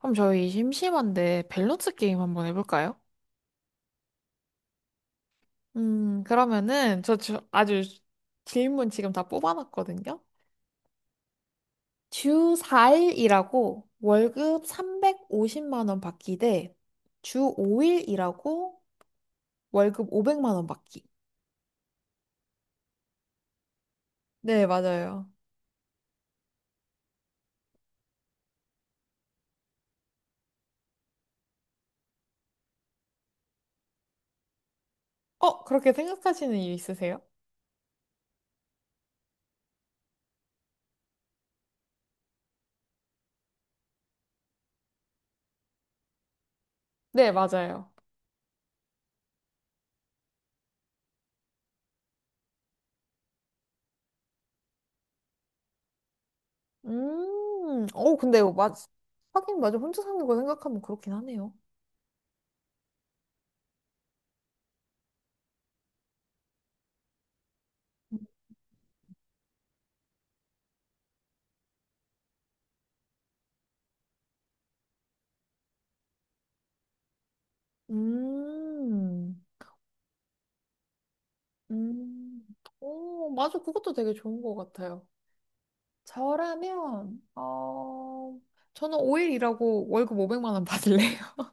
그럼 저희 심심한데 밸런스 게임 한번 해볼까요? 그러면은 아주 질문 지금 다 뽑아놨거든요. 주 4일 일하고 월급 350만 원 받기 대 주 5일 일하고 월급 500만 원 받기. 네, 맞아요. 그렇게 생각하시는 이유 있으세요? 네, 맞아요. 근데 하긴 맞아. 혼자 사는 거 생각하면 그렇긴 하네요. 음. 음, 오, 맞아. 그것도 되게 좋은 것 같아요. 저라면, 저는 5일 일하고 월급 500만 원 받을래요.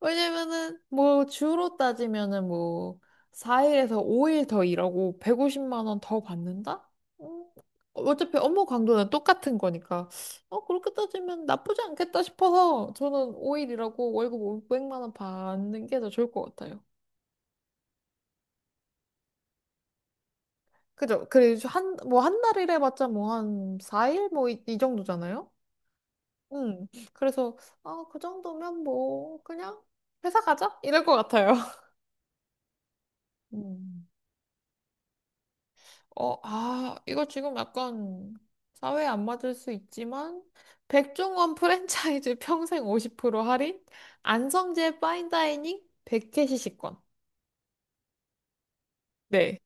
왜냐면은, 뭐, 주로 따지면은 뭐, 4일에서 5일 더 일하고 150만 원 더 받는다? 음, 어차피 업무 강도는 똑같은 거니까, 그렇게 따지면 나쁘지 않겠다 싶어서 저는 5일 일하고 월급 500만 원 받는 게 더 좋을 것 같아요. 그죠? 그리고 한, 뭐, 한 달 일해봤자 뭐, 한 4일? 뭐, 이 정도잖아요? 응. 그래서, 아, 그 정도면 뭐, 그냥 회사 가자? 이럴 것 같아요. 음. 아, 이거 지금 약간 사회에 안 맞을 수 있지만, 백종원 프랜차이즈 평생 50% 할인? 안성재 파인다이닝? 백캐시 식권. 네.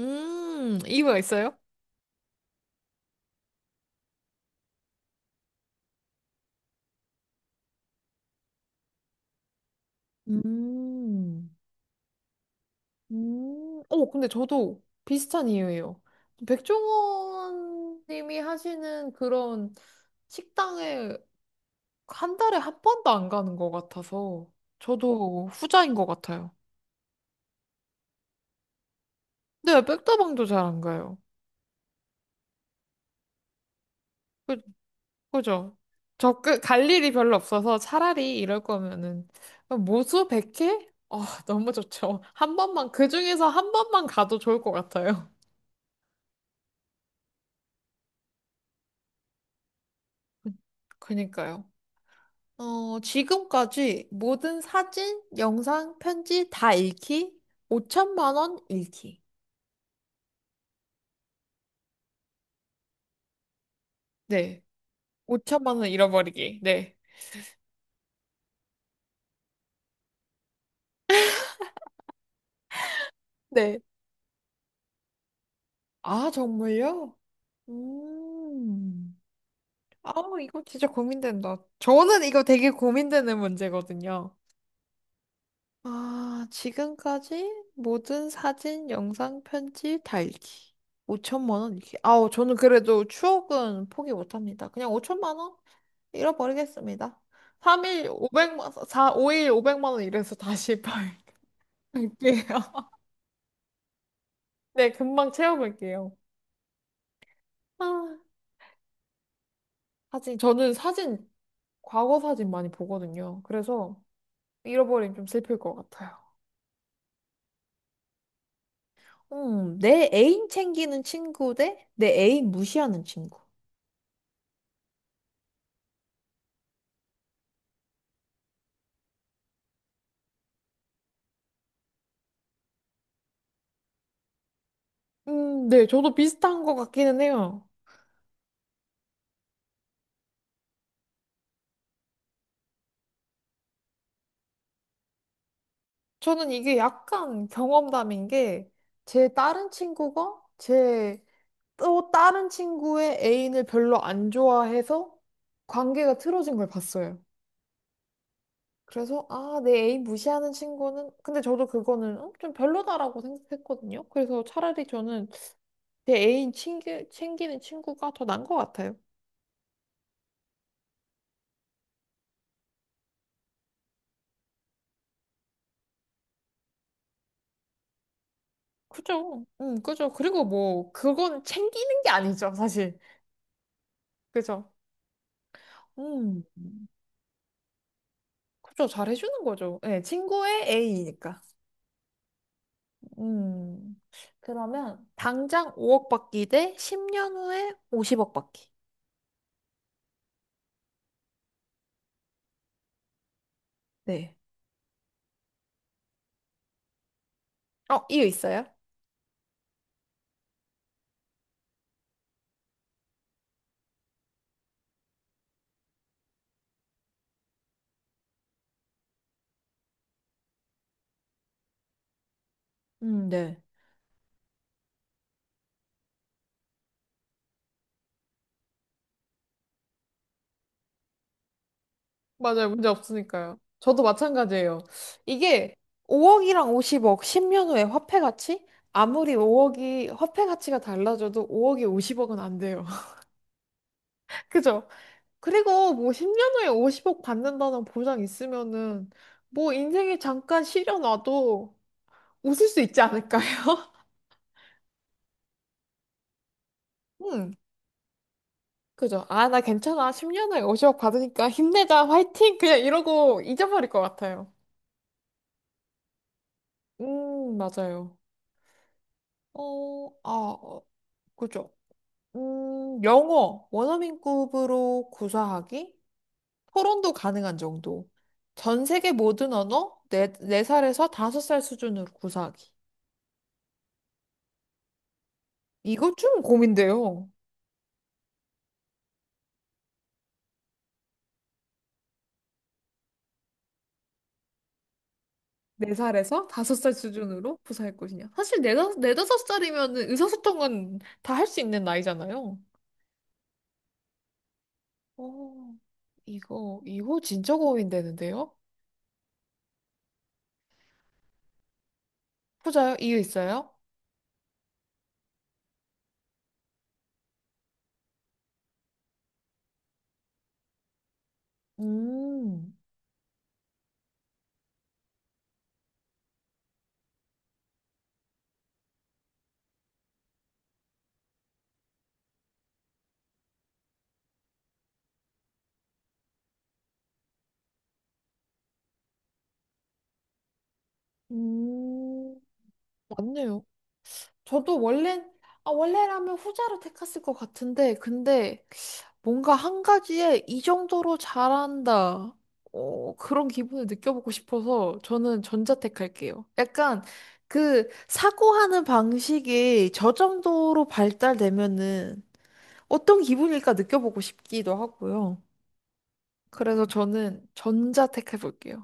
이유가 있어요? 음. 근데 저도 비슷한 이유예요. 백종원 님이 하시는 그런 식당에 한 달에 한 번도 안 가는 것 같아서 저도 후자인 것 같아요. 근데 백다방도 잘 안 가요. 그, 그죠? 저 그 갈 일이 별로 없어서 차라리 이럴 거면은 모수 100회 아, 너무 좋죠. 한 번만, 그 중에서 한 번만 가도 좋을 것 같아요. 그니까요. 지금까지 모든 사진, 영상, 편지 다 잃기, 5천만 원 잃기. 네. 5천만 원 잃어버리기. 네. 네. 아, 정말요? 음. 아, 이거 진짜 고민된다. 저는 이거 되게 고민되는 문제거든요. 아, 지금까지 모든 사진, 영상, 편지 다 잃기. 5천만 원 잃기. 아우, 저는 그래도 추억은 포기 못합니다. 그냥 5천만 원? 잃어버리겠습니다. 3일 500만, 사 5일 500만 원 이래서 다시 팔게요. 네, 금방 채워볼게요. 아, 사진. 저는 사진, 과거 사진 많이 보거든요. 그래서 잃어버리면 좀 슬플 것 같아요. 내 애인 챙기는 친구 대 내 애인 무시하는 친구. 네, 저도 비슷한 것 같기는 해요. 저는 이게 약간 경험담인 게, 제 다른 친구가 제 또 다른 친구의 애인을 별로 안 좋아해서 관계가 틀어진 걸 봤어요. 그래서 아, 내 애인 무시하는 친구는 근데 저도 그거는 좀 별로다라고 생각했거든요. 그래서 차라리 저는 내 애인 챙기는 친구가 더 나은 것 같아요. 그죠? 그죠. 그리고 뭐 그건 챙기는 게 아니죠, 사실. 그죠? 음, 그죠. 잘해주는 거죠. 예, 친구의 애인이니까. 음, 그러면 당장 5억 받기 대 10년 후에 50억 받기. 네. 이유 있어요? 네. 맞아요. 문제 없으니까요. 저도 마찬가지예요. 이게 5억이랑 50억, 10년 후에 화폐 가치? 아무리 5억이 화폐 가치가 달라져도 5억이 50억은 안 돼요. 그죠? 그리고 뭐 10년 후에 50억 받는다는 보장 있으면은 뭐 인생에 잠깐 시려놔도 웃을 수 있지 않을까요? 음, 그죠? 아, 나 괜찮아. 10년 후에 50억 받으니까 힘내자. 화이팅! 그냥 이러고 잊어버릴 것 같아요. 맞아요. 어, 아, 어, 그죠. 영어, 원어민급으로 구사하기? 토론도 가능한 정도. 전 세계 모든 언어, 네, 네살에서 다섯 살 수준으로 구사하기. 이거 좀 고민돼요. 네살에서 다섯 살 수준으로 구사할 것이냐. 사실 네 다섯 살이면 의사소통은 다 할 수 있는 나이잖아요. 어, 이거 진짜 고민되는데요? 후자요? 이유 있어요? 음, 음, 맞네요. 저도 원래, 아, 원래라면 후자로 택했을 것 같은데, 근데 뭔가 한 가지에 이 정도로 잘한다. 그런 기분을 느껴보고 싶어서 저는 전자 택할게요. 약간 그 사고하는 방식이 저 정도로 발달되면은 어떤 기분일까 느껴보고 싶기도 하고요. 그래서 저는 전자 택해볼게요.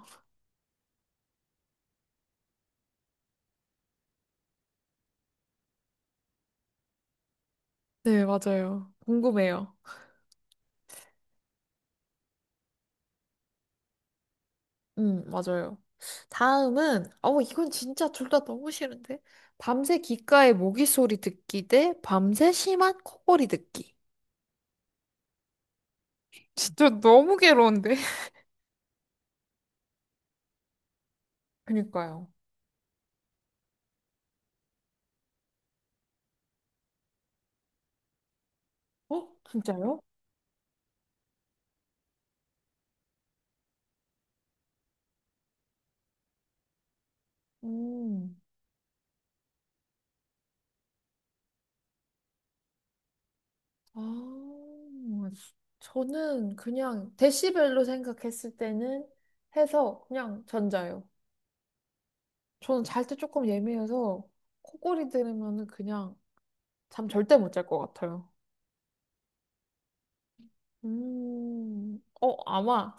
네, 맞아요. 궁금해요. 맞아요. 다음은, 이건 진짜 둘 다 너무 싫은데? 밤새 귓가에 모기 소리 듣기 대 밤새 심한 코골이 듣기. 진짜 너무 괴로운데? 그니까요. 어? 진짜요? 음, 아, 저는 그냥 데시벨로 생각했을 때는 해서 그냥 전자요. 저는 잘 때 조금 예민해서 코골이 들으면은 그냥 잠 절대 못 잘 것 같아요. 아마.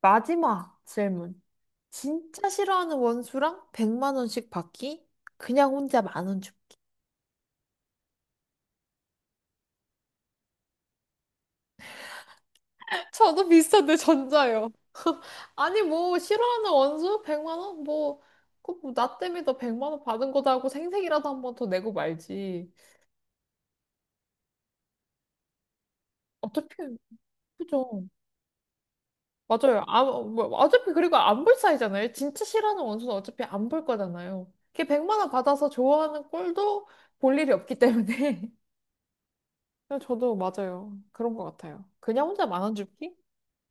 마지막 질문. 진짜 싫어하는 원수랑 100만 원씩 받기? 그냥 혼자 만 원 줍기. 저도 비슷한데 전자요. 아니 뭐 싫어하는 원수 100만 원? 뭐, 그나 때문에 너 100만 원 받은 거다 하고 생색이라도 한번 더 내고 말지. 어차피 그죠. 맞아요. 아, 뭐, 어차피 그리고 안 볼 사이잖아요. 진짜 싫어하는 원수는 어차피 안 볼 거잖아요. 걔 100만 원 받아서 좋아하는 꼴도 볼 일이 없기 때문에. 네, 저도 맞아요. 그런 것 같아요. 그냥 혼자 만 원 줍기?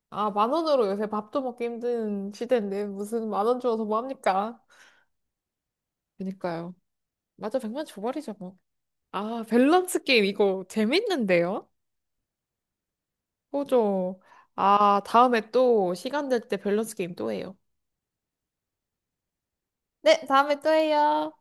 아, 만 원으로 요새 밥도 먹기 힘든 시대인데 무슨 만 원 주어서 뭐 합니까? 그니까요. 맞아, 100만 줘버리죠, 뭐. 아, 밸런스 게임 이거 재밌는데요? 그죠. 아, 다음에 또 시간 될 때 밸런스 게임 또 해요. 네, 다음에 또 해요.